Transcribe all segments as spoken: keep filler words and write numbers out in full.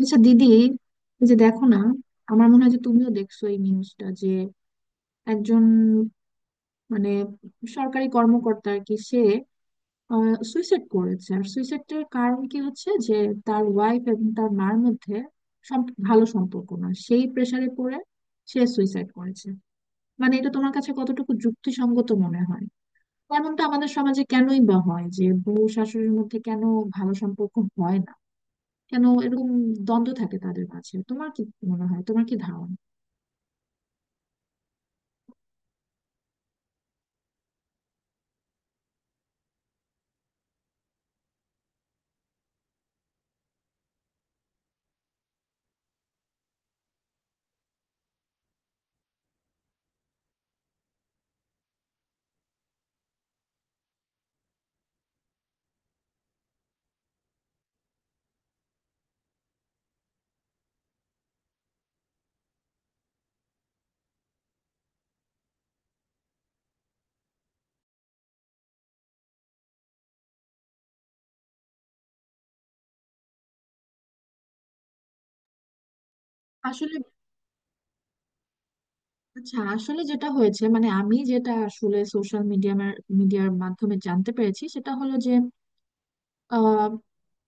আচ্ছা দিদি এই যে দেখো না, আমার মনে হয় যে তুমিও দেখছো এই নিউজটা যে একজন মানে সরকারি কর্মকর্তা আর কি, সে সুইসাইড করেছে। আর সুইসাইডের কারণ কি হচ্ছে যে তার ওয়াইফ এবং তার মার মধ্যে সম- ভালো সম্পর্ক না, সেই প্রেসারে পড়ে সে সুইসাইড করেছে। মানে এটা তোমার কাছে কতটুকু যুক্তিসঙ্গত মনে হয়? এমনটা আমাদের সমাজে কেনই বা হয় যে বউ শাশুড়ির মধ্যে কেন ভালো সম্পর্ক হয় না? কেন এরকম দ্বন্দ্ব থাকে তাদের মাঝে? তোমার কি মনে হয়, তোমার কি ধারণা? আসলে, আচ্ছা, আসলে যেটা হয়েছে, মানে আমি যেটা আসলে সোশ্যাল মিডিয়ার মিডিয়ার মাধ্যমে জানতে পেরেছি সেটা হলো যে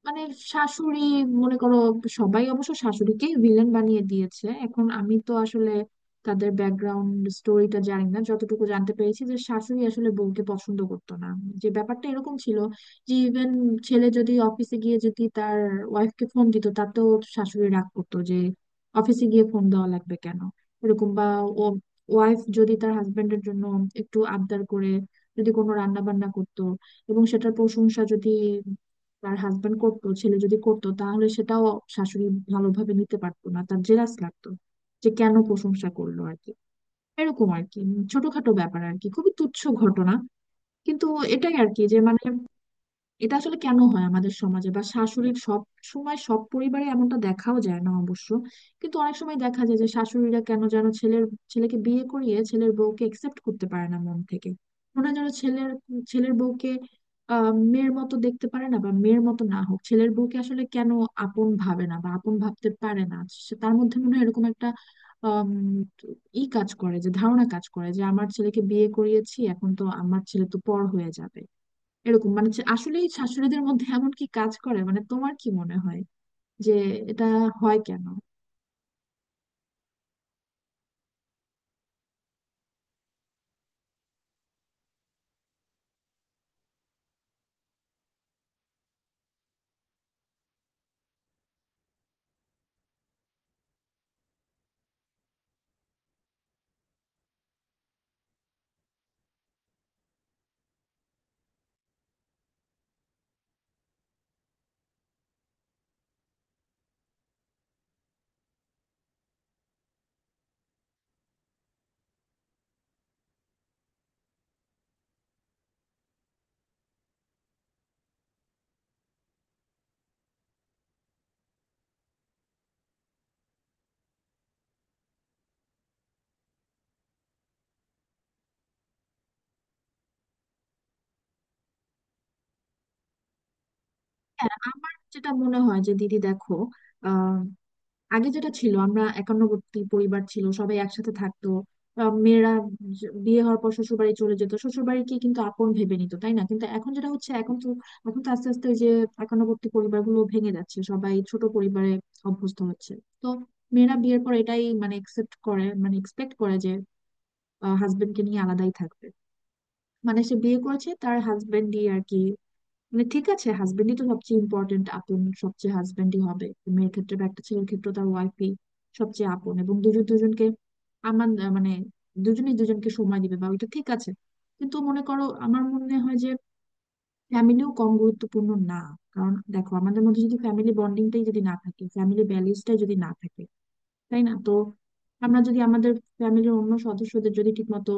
মানে শাশুড়ি, মনে করো, সবাই অবশ্য শাশুড়িকে ভিলেন বানিয়ে দিয়েছে। এখন আমি তো আসলে তাদের ব্যাকগ্রাউন্ড স্টোরিটা জানি না। যতটুকু জানতে পেরেছি যে শাশুড়ি আসলে বউকে পছন্দ করতো না, যে ব্যাপারটা এরকম ছিল যে ইভেন ছেলে যদি অফিসে গিয়ে যদি তার ওয়াইফকে ফোন দিত তাতেও শাশুড়ি রাগ করতো যে অফিসে গিয়ে ফোন দেওয়া লাগবে কেন। এরকম, বা ও ওয়াইফ যদি তার হাজবেন্ডের জন্য একটু আবদার করে, যদি কোনো রান্না বান্না করতো এবং সেটার প্রশংসা যদি তার হাজবেন্ড করতো, ছেলে যদি করতো, তাহলে সেটাও শাশুড়ি ভালোভাবে নিতে পারতো না, তার জেলাস লাগতো যে কেন প্রশংসা করলো আর কি। এরকম আর কি উম, ছোটখাটো ব্যাপার আর কি, খুবই তুচ্ছ ঘটনা, কিন্তু এটাই আর কি যে মানে এটা আসলে কেন হয় আমাদের সমাজে? বা শাশুড়ির সব সময় সব পরিবারে এমনটা দেখাও যায় না অবশ্য, কিন্তু অনেক সময় দেখা যায় যে শাশুড়িরা কেন যেন ছেলের ছেলেকে বিয়ে করিয়ে ছেলের বউকে একসেপ্ট করতে পারে না মন থেকে। মনে হয় যেন ছেলের ছেলের বউকে আহ মেয়ের মতো দেখতে পারে না, বা মেয়ের মতো না হোক ছেলের বউকে আসলে কেন আপন ভাবে না বা আপন ভাবতে পারে না। সে- তার মধ্যে মনে হয় এরকম একটা আম, ই কাজ করে, যে ধারণা কাজ করে যে আমার ছেলেকে বিয়ে করিয়েছি, এখন তো আমার ছেলে তো পর হয়ে যাবে। এরকম, মানে হচ্ছে আসলেই শাশুড়িদের মধ্যে এমন কি কাজ করে, মানে তোমার কি মনে হয় যে এটা হয় কেন? হ্যাঁ, আমার যেটা মনে হয় যে দিদি দেখো, আহ আগে যেটা ছিল, আমরা একান্নবর্তী পরিবার ছিল, সবাই একসাথে থাকতো। আহ, মেয়েরা জ- বিয়ে হওয়ার পর শ্বশুর বাড়ি চলে যেত, শ্বশুর বাড়িকে কিন্তু আপন ভেবে নিত, তাই না? কিন্তু এখন যেটা হচ্ছে, এখন তো এখন তো আস্তে আস্তে ওই যে একান্নবর্তী পরিবারগুলো ভেঙে যাচ্ছে, সবাই ছোট পরিবারে অভ্যস্ত হচ্ছে। তো মেয়েরা বিয়ের পর এটাই মানে একসেপ্ট করে, মানে এক্সপেক্ট করে যে হাজবেন্ডকে নিয়ে আলাদাই থাকবে। মানে সে বিয়ে করেছে, তার হাজবেন্ডই আর কি, মানে ঠিক আছে হাজবেন্ডই তো সবচেয়ে ইম্পর্টেন্ট আপন, সবচেয়ে হাজবেন্ডই হবে মেয়ের ক্ষেত্রে, বা একটা ছেলের ক্ষেত্রে তার ওয়াইফই সবচেয়ে আপন, এবং দুজন দুজনকে, আমার আহ, মানে দুজনেই দুজনকে সময় দিবে, বা ওইটা ঠিক আছে। কিন্তু মনে করো, আমার মনে হয় যে ফ্যামিলিও কম গুরুত্বপূর্ণ না, কারণ দেখো আমাদের মধ্যে যদি ফ্যামিলি বন্ডিংটাই যদি না থাকে, ফ্যামিলি ভ্যালিউসটাই যদি না থাকে, তাই না? তো আমরা যদি আমাদের ফ্যামিলির অন্য সদস্যদের যদি ঠিকমতো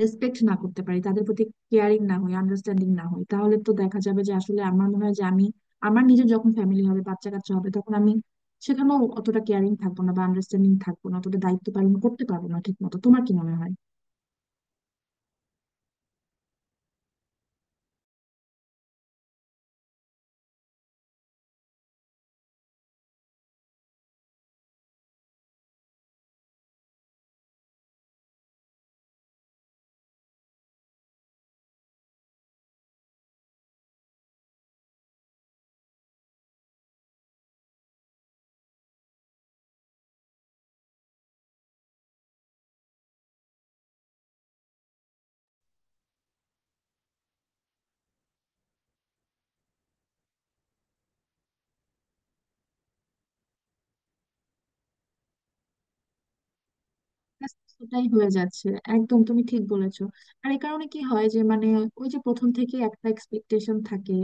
রেসপেক্ট না করতে পারি, তাদের প্রতি কেয়ারিং না হই, আন্ডারস্ট্যান্ডিং না হই, তাহলে তো দেখা যাবে যে আসলে আমার মনে হয় যে আমি আমার নিজের যখন ফ্যামিলি হবে, বাচ্চা কাচ্চা হবে, তখন আমি সেখানেও অতটা কেয়ারিং থাকবো না বা আন্ডারস্ট্যান্ডিং থাকবো না, অতটা দায়িত্ব পালন করতে পারবো না ঠিক মতো। তোমার কি মনে হয়? ব্যাস, সেটাই হয়ে যাচ্ছে। একদম তুমি ঠিক বলেছো। আর এই কারণে কি হয় যে মানে ওই যে প্রথম থেকে একটা এক্সপেকটেশন থাকে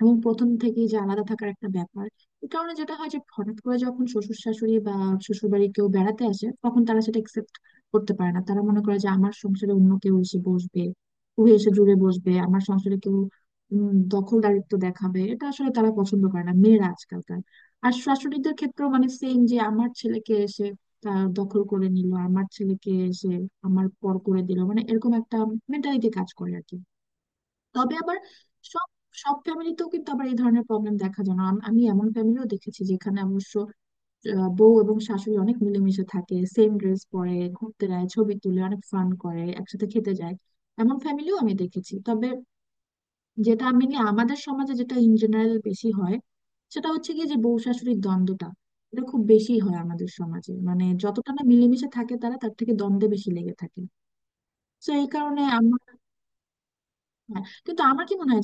এবং প্রথম থেকেই যে আলাদা থাকার একটা ব্যাপার, এই কারণে যেটা হয় যে হঠাৎ করে যখন শ্বশুর শাশুড়ি বা শ্বশুর বাড়ি কেউ বেড়াতে আসে, তখন তারা সেটা একসেপ্ট করতে পারে না। তারা মনে করে যে আমার সংসারে অন্য কেউ এসে বসবে, কেউ এসে জুড়ে বসবে, আমার সংসারে কেউ উম, দখলদারিত্ব দেখাবে, এটা আসলে তারা পছন্দ করে না মেয়েরা আজকালকার। আর শাশুড়িদের ক্ষেত্রেও মানে সেম, যে আমার ছেলেকে এসে তার দখল করে নিল, আমার ছেলেকে এসে আমার পর করে দিল, মানে এরকম একটা মেন্টালিটি কাজ করে আর কি। তবে আবার সব সব ফ্যামিলিতেও কিন্তু আবার এই ধরনের প্রবলেম দেখা যায় না। আম- আমি এমন ফ্যামিলিও দেখেছি যেখানে অবশ্য আহ, বউ এবং শাশুড়ি অনেক মিলেমিশে থাকে, সেম ড্রেস পরে ঘুরতে যায়, ছবি তুলে, অনেক ফান করে, একসাথে খেতে যায়। এমন ফ্যামিলিও আমি দেখেছি। তবে যেটা আমি নিয়ে আমাদের সমাজে যেটা ইন জেনারেল বেশি হয়, সেটা হচ্ছে কি যে বউ শাশুড়ির দ্বন্দ্বটা এটা খুব বেশি হয় আমাদের সমাজে, মানে যতটা না মিলেমিশে থাকে তারা, তার থেকে দ্বন্দ্বে বেশি লেগে থাকে। তো এই কারণে আমার, হ্যাঁ, কিন্তু আমার কি মনে হয়,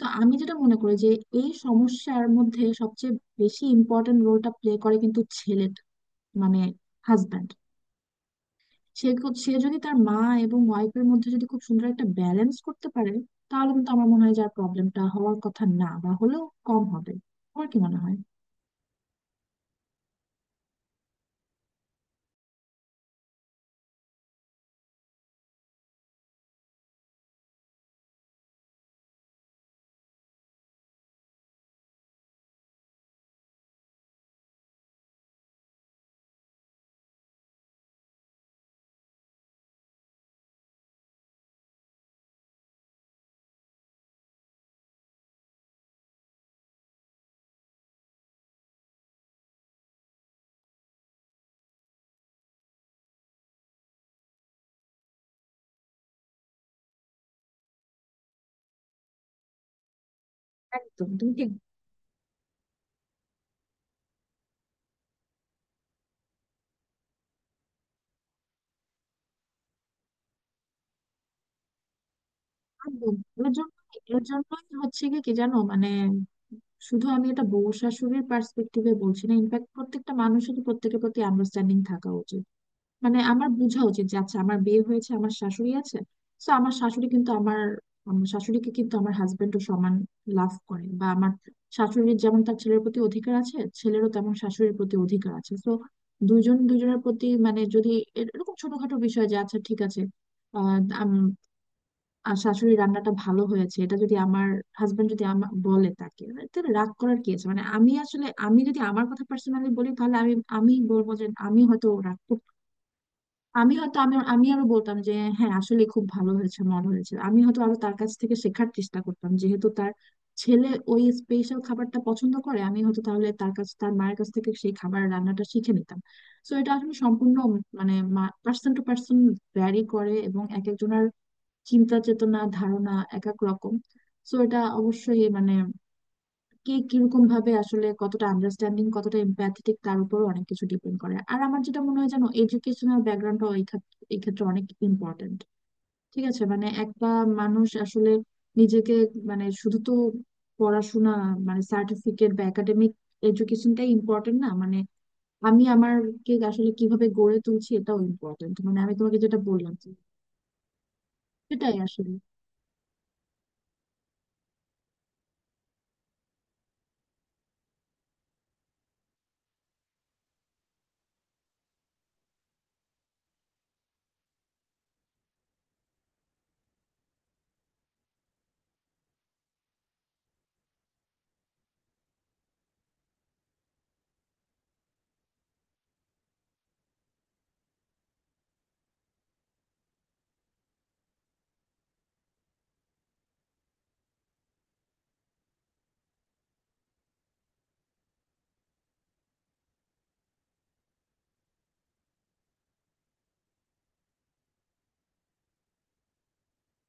তো আমি যেটা মনে করি যে এই সমস্যার মধ্যে সবচেয়ে বেশি ইম্পর্টেন্ট রোলটা প্লে করে কিন্তু ছেলেটা, মানে হাজব্যান্ড। সে কো- সে যদি তার মা এবং ওয়াইফের মধ্যে যদি খুব সুন্দর একটা ব্যালেন্স করতে পারে, তাহলে কিন্তু আমার মনে হয় যে আর প্রবলেমটা হওয়ার কথা না, বা হলেও কম হবে। তোমার কি মনে হয়? একদম তুমি ঠিক। একদম এর জন্য, এর জন্যই হচ্ছে কি কি জানো মানে, শুধু আমি এটা বউ শাশুড়ির পার্সপেক্টিভে বলছি না, ইনফ্যাক্ট প্রত্যেকটা মানুষেরই প্রত্যেকের প্রতি আন্ডারস্ট্যান্ডিং থাকা উচিত। মানে আমার বোঝা উচিত যে আচ্ছা আমার বিয়ে হয়েছে, আমার শাশুড়ি আছে, তো আমার শাশুড়ি কিন্তু আমার, আমার শাশুড়িকে কিন্তু আমার হাজবেন্ডও সমান লাভ করে, বা আমার শাশুড়ির যেমন তার ছেলের প্রতি অধিকার আছে, ছেলেরও তেমন শাশুড়ির প্রতি অধিকার আছে। তো দুজন দুজনের প্রতি মানে যদি এরকম ছোটখাটো বিষয় যে আচ্ছা ঠিক আছে, আহ আম- আর শাশুড়ি রান্নাটা ভালো হয়েছে এটা যদি আমার হাজবেন্ড যদি আমার বলে তাকে মানে, তাহলে রাগ করার কি আছে? মানে আমি আসলে, আমি যদি আমার কথা পার্সোনালি বলি, তাহলে আমি, আমি বলবো যে আমি হয়তো রাগ করতে, আমি হয়তো আমি আমি আরো বলতাম যে হ্যাঁ আসলে খুব ভালো হয়েছে, মজা হয়েছে, আমি হয়তো আরো তার কাছ থেকে শেখার চেষ্টা করতাম, যেহেতু তার ছেলে ওই স্পেশাল খাবারটা পছন্দ করে, আমি হয়তো তাহলে তার কাছ, তার মায়ের কাছ থেকে সেই খাবার রান্নাটা শিখে নিতাম। তো এটা আসলে সম্পূর্ণ মানে পার্সন টু পার্সন ভ্যারি করে, এবং এক একজনের চিন্তা চেতনা ধারণা এক এক রকম। তো এটা অবশ্যই মানে কে কিরকম ভাবে আসলে, কতটা আন্ডারস্ট্যান্ডিং, কতটা এম্প্যাথেটিক, তার উপরও অনেক কিছু ডিপেন্ড করে। আর আমার যেটা মনে হয় জানো, এডুকেশনাল ব্যাকগ্রাউন্ডটা এই খাত- এই ক্ষেত্রে অনেক ইম্পর্ট্যান্ট। ঠিক আছে মানে একটা মানুষ আসলে নিজেকে, মানে শুধু তো পড়াশোনা মানে সার্টিফিকেট বা একাডেমিক এডুকেশনটাই ইম্পর্ট্যান্ট না, মানে আমি আমারকে আসলে কিভাবে গড়ে তুলছি এটাও ইম্পর্ট্যান্ট, মানে আমি তোমাকে যেটা বললাম। সেটাই আসলে।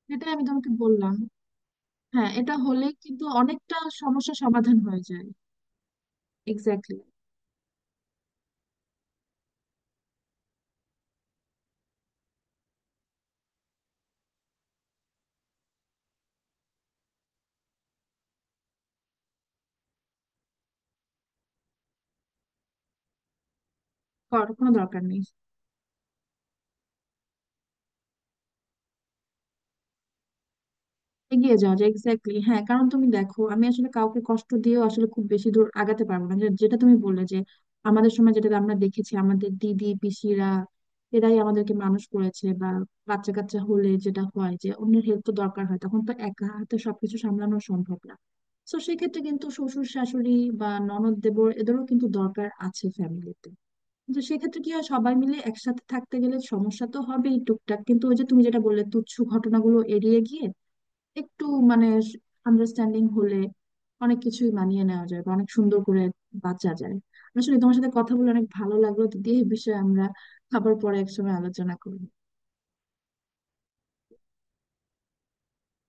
সেটাই আমি তোমাকে বললাম। হ্যাঁ, এটা হলে কিন্তু অনেকটা সমস্যা সমাধান হয়ে যায়। এক্স্যাক্টলি। কর কোনো দরকার নেই। এগিয়ে যাওয়া যায়। এক্স্যাক্টলি, হ্যাঁ। কারণ তুমি দেখো, আমি আসলে কাউকে কষ্ট দিয়েও আসলে খুব বেশি দূর আগাতে পারবো না। যে- যেটা তুমি বললে যে আমাদের সময় যেটা আমরা দেখেছি, আমাদের দিদি পিসিরা এরাই আমাদেরকে মানুষ করেছে। বা বাচ্চা কাচ্চা হলে যেটা হয় যে অন্যের হেল্প তো দরকার হয়, তখন তো একা হাতে সবকিছু সামলানো সম্ভব না। তো সেক্ষেত্রে কিন্তু শ্বশুর শাশুড়ি বা ননদ দেবর এদেরও কিন্তু দরকার আছে ফ্যামিলিতে। কিন্তু সেক্ষেত্রে কি হয়, সবাই মিলে একসাথে থাকতে গেলে সমস্যা তো হবেই টুকটাক, কিন্তু ওই যে তুমি যেটা বললে, তুচ্ছ ঘটনাগুলো এড়িয়ে গিয়ে একটু মানে আন্ডারস্ট্যান্ডিং হলে অনেক কিছুই মানিয়ে নেওয়া যায়, বা অনেক সুন্দর করে বাঁচা যায়। আসলে তোমার সাথে কথা বলে অনেক ভালো লাগলো দিদি। এই বিষয়ে আমরা আবার পরে একসময় আলোচনা করবো।